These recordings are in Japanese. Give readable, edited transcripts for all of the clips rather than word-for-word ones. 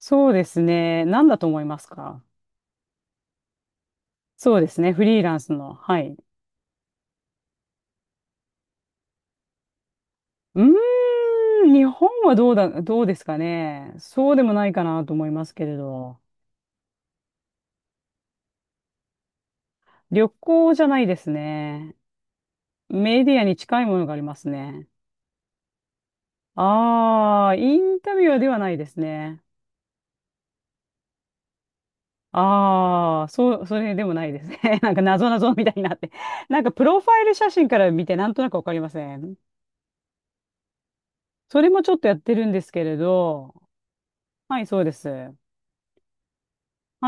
そうですね。何だと思いますか？そうですね。フリーランスの。はい。うーん、日本はどうですかね。そうでもないかなと思いますけれど。旅行じゃないですね。メディアに近いものがありますね。ああ、インタビュアーではないですね。ああ、そう、それでもないですね。なんか謎々みたいになって。なんかプロファイル写真から見てなんとなくわかりません？それもちょっとやってるんですけれど。はい、そうです。は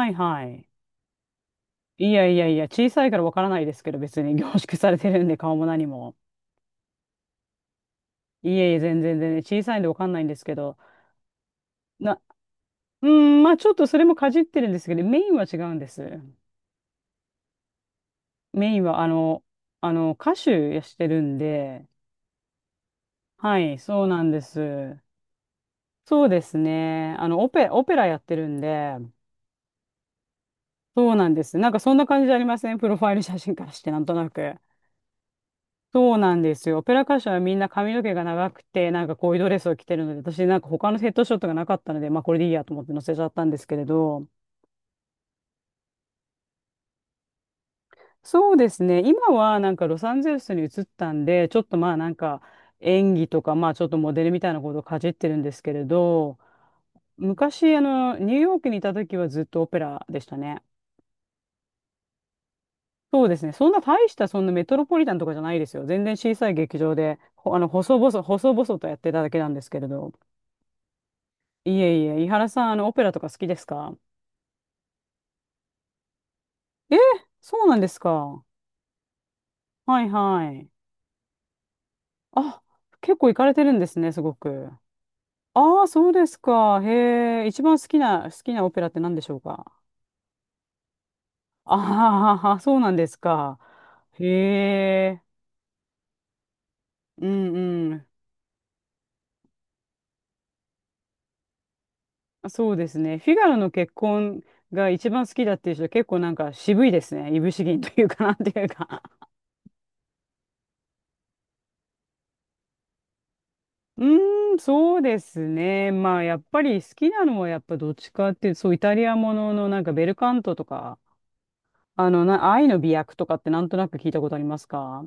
い、はい。いやいやいや、小さいからわからないですけど、別に 凝縮されてるんで、顔も何も。いえいえ、全然全然、小さいんでわかんないんですけど、な、うん、まあちょっとそれもかじってるんですけど、メインは違うんです。メインは、歌手してるんで、はい、そうなんです。そうですね。オペラやってるんで、そうなんです。なんかそんな感じじゃありません？プロファイル写真からして、なんとなく。そうなんですよ。オペラ歌手はみんな髪の毛が長くて、なんかこういうドレスを着てるので、私なんか他のヘッドショットがなかったので、まあこれでいいやと思って載せちゃったんですけれど、そうですね。今はなんかロサンゼルスに移ったんで、ちょっとまあなんか演技とか、まあちょっとモデルみたいなことをかじってるんですけれど、昔あのニューヨークにいた時はずっとオペラでしたね。そうですね。そんな大したそんなメトロポリタンとかじゃないですよ。全然小さい劇場で、ほあの細々、細々とやってただけなんですけれど。いえいえ、井原さん、オペラとか好きですか？えー、そうなんですか。はいはい。あ、結構行かれてるんですね、すごく。ああ、そうですか。へえ、一番好きなオペラって何でしょうか？ああー、そうなんですか。へえ、うんうん。そうですね。フィガロの結婚が一番好きだっていう人、結構なんか渋いですね。いぶし銀というかなんていうか。うーん、そうですね。まあ、やっぱり好きなのは、やっぱどっちかっていうと、そう、イタリアもののなんかベルカントとか、愛の美薬とかってなんとなく聞いたことありますか？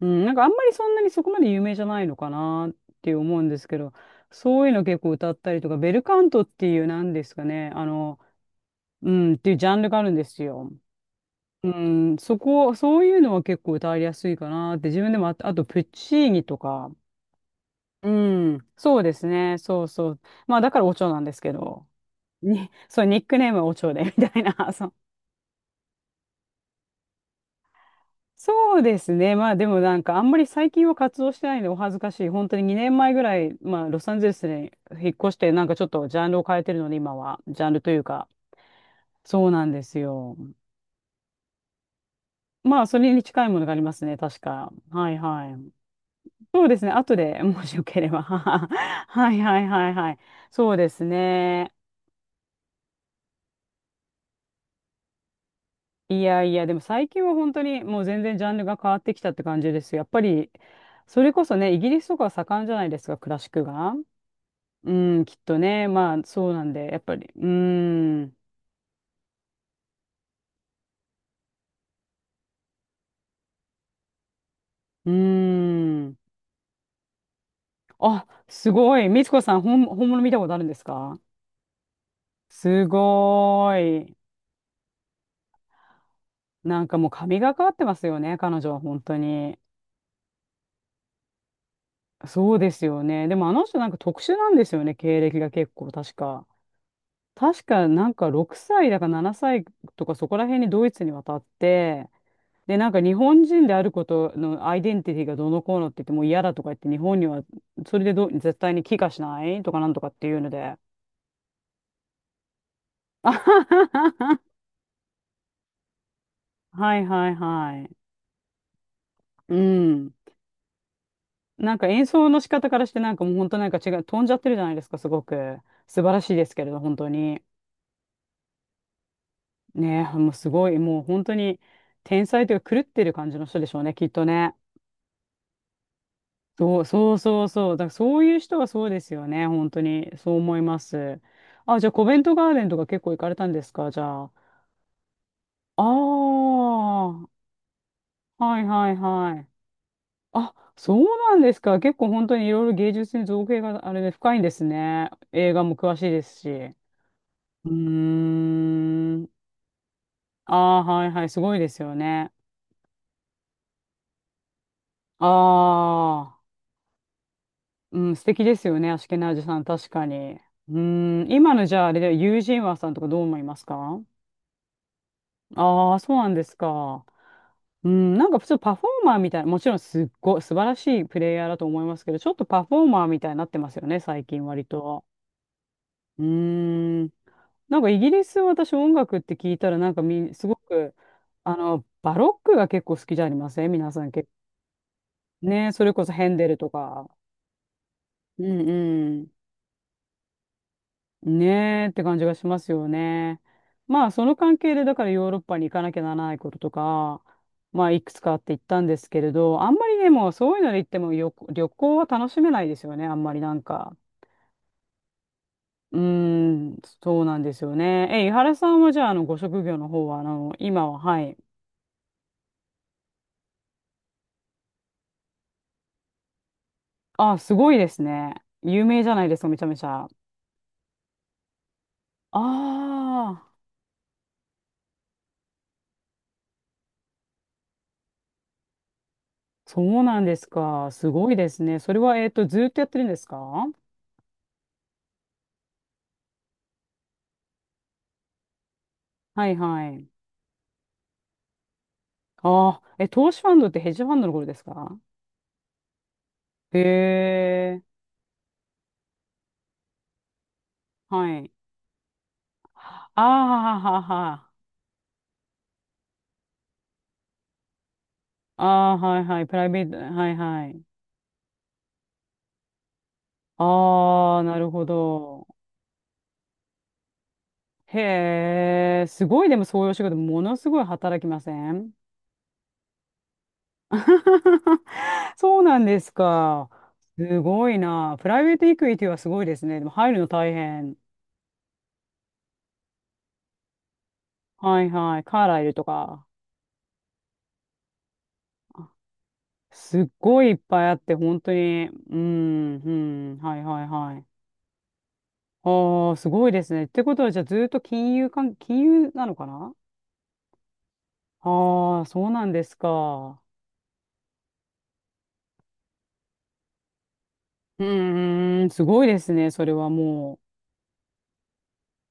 うん、なんかあんまりそんなにそこまで有名じゃないのかなって思うんですけど、そういうの結構歌ったりとか、ベルカントっていうなんですかね、っていうジャンルがあるんですよ。うん、そういうのは結構歌いやすいかなって、自分でもあ、あとプッチーニとか、うん、そうですね。そうそう。まあだからお蝶なんですけど、そう、ニックネームはお蝶で、みたいな。そう、そうですね。まあでもなんかあんまり最近は活動してないんでお恥ずかしい。本当に2年前ぐらい、まあロサンゼルスに引っ越して、なんかちょっとジャンルを変えてるので、今は。ジャンルというか、そうなんですよ。まあそれに近いものがありますね、確か。はいはい。そうですね。後で、もしよければ。はいはいはいはい。そうですね。いやいや、でも最近は本当にもう全然ジャンルが変わってきたって感じですよ。やっぱり、それこそね、イギリスとかは盛んじゃないですか、クラシックが。うん、きっとね。まあ、そうなんで、やっぱり。うーん、うーん。あ、すごい。みつこさん、本物見たことあるんですか？すごーい。なんかもう神がかってますよね、彼女は本当に。そうですよね。でもあの人なんか特殊なんですよね、経歴が結構、確か。確かなんか6歳だか7歳とかそこら辺にドイツに渡って、で、なんか日本人であることのアイデンティティがどうのこうのって言ってもう嫌だとか言って日本にはそれでどう絶対に帰化しないとかなんとかっていうので。あははははいはいはい。うん。なんか演奏の仕方からしてなんかもう本当なんか違う、飛んじゃってるじゃないですか、すごく。素晴らしいですけれど、本当に。ねえ、もうすごい、もう本当に天才というか狂ってる感じの人でしょうね、きっとね。そう、そうそうそう。だからそういう人はそうですよね。本当に。そう思います。あ、じゃあ、コベントガーデンとか結構行かれたんですか？じゃあ。ああ、はいはいはい。あ、そうなんですか。結構本当にいろいろ芸術に造形があれで深いんですね。映画も詳しいですし。うーん。ああ、はいはい。すごいですよね。ああ、うん、素敵ですよね。アシュケナージさん、確かに。うーん、今のじゃあ、あれでユージンワさんとかどう思いますか？ああ、そうなんですか。うん、なんか普通パフォーマーみたいな、もちろんすっごい素晴らしいプレイヤーだと思いますけど、ちょっとパフォーマーみたいになってますよね、最近割と。うーん。なんかイギリス、私音楽って聞いたら、なんかすごく、バロックが結構好きじゃありません？皆さん結構。ね、それこそヘンデルとか。うんうん。ねえって感じがしますよね。まあその関係でだからヨーロッパに行かなきゃならないこととか、まあいくつかあって言ったんですけれど、あんまりね、もうそういうので行っても旅行は楽しめないですよね、あんまりなんか。うーん、そうなんですよね。え、井原さんはじゃあ、ご職業の方は、今は、はい。あ、すごいですね。有名じゃないですか、めちゃめちゃ。ああ、そうなんですか。すごいですね。それは、ずーっとやってるんですか？はいはい。ああ、え、投資ファンドってヘッジファンドのことですか？へえ、はい。ああ、ははは。ああ、はいはい。プライベート、はいはい。ああ、なるほど。へえ、すごい、でもそういうお仕事、ものすごい働きません？ そうなんですか。すごいな。プライベートイクイティはすごいですね。でも入るの大変。はいはい。カーライルとか。すっごいいっぱいあって、本当に。うん、うん。はいはいはい。ああ、すごいですね。ってことは、じゃあずーっと金融なのかな？ああー、そうなんですか。うーん、すごいですね、それはも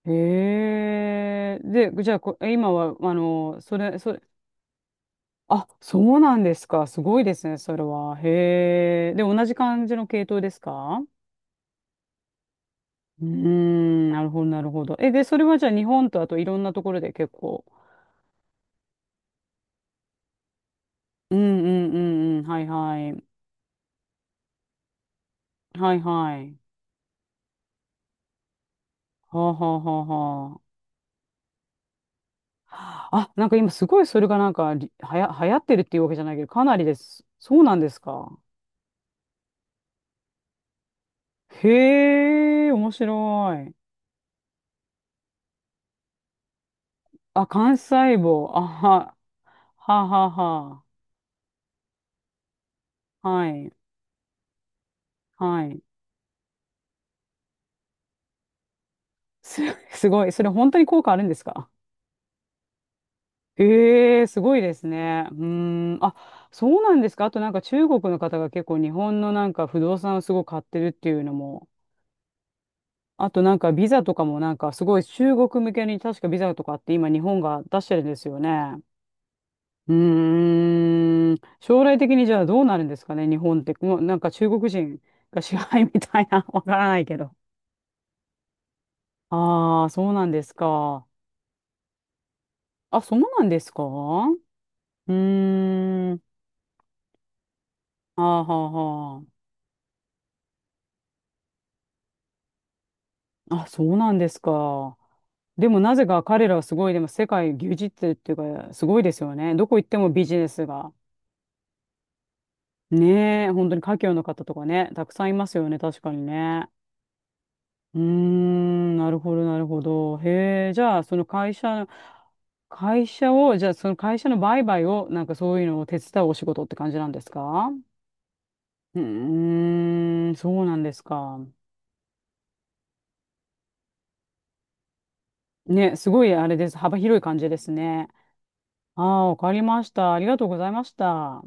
う。へえ。で、じゃあ今は、それ、あ、そうなんですか。すごいですね、それは。へえ。で、同じ感じの系統ですか？うーん、なるほど、なるほど。え、で、それはじゃあ日本とあといろんなところで結構。うん、うん、うん、うん、はいはい。はいはい。はあはあはあ。あ、なんか今すごいそれがなんかりはや、流行ってるっていうわけじゃないけど、かなりです。そうなんですか。へえ、面白い。あ、幹細胞。あは、ははは。はい、はい。す、すごい。それ本当に効果あるんですか？ええ、すごいですね。うーん。あ、そうなんですか。あとなんか中国の方が結構日本のなんか不動産をすごい買ってるっていうのも。あとなんかビザとかもなんかすごい中国向けに確かビザとかって今日本が出してるんですよね。うーん。将来的にじゃあどうなるんですかね、日本って。もうなんか中国人が支配みたいな、わからないけど。ああ、そうなんですか。あ、そうなんですか？うーん。あーはあはあ。あ、そうなんですか。でもなぜか彼らはすごい、でも世界牛耳ってるっていうか、すごいですよね。どこ行ってもビジネスが。ねえ、本当に華僑の方とかね、たくさんいますよね、確かにね。うーん、なるほど、なるほど。へえ、じゃあ、その会社の、会社を、じゃあ、その会社の売買を、なんかそういうのを手伝うお仕事って感じなんですか？うーん、そうなんですか。ね、すごいあれです。幅広い感じですね。ああ、わかりました。ありがとうございました。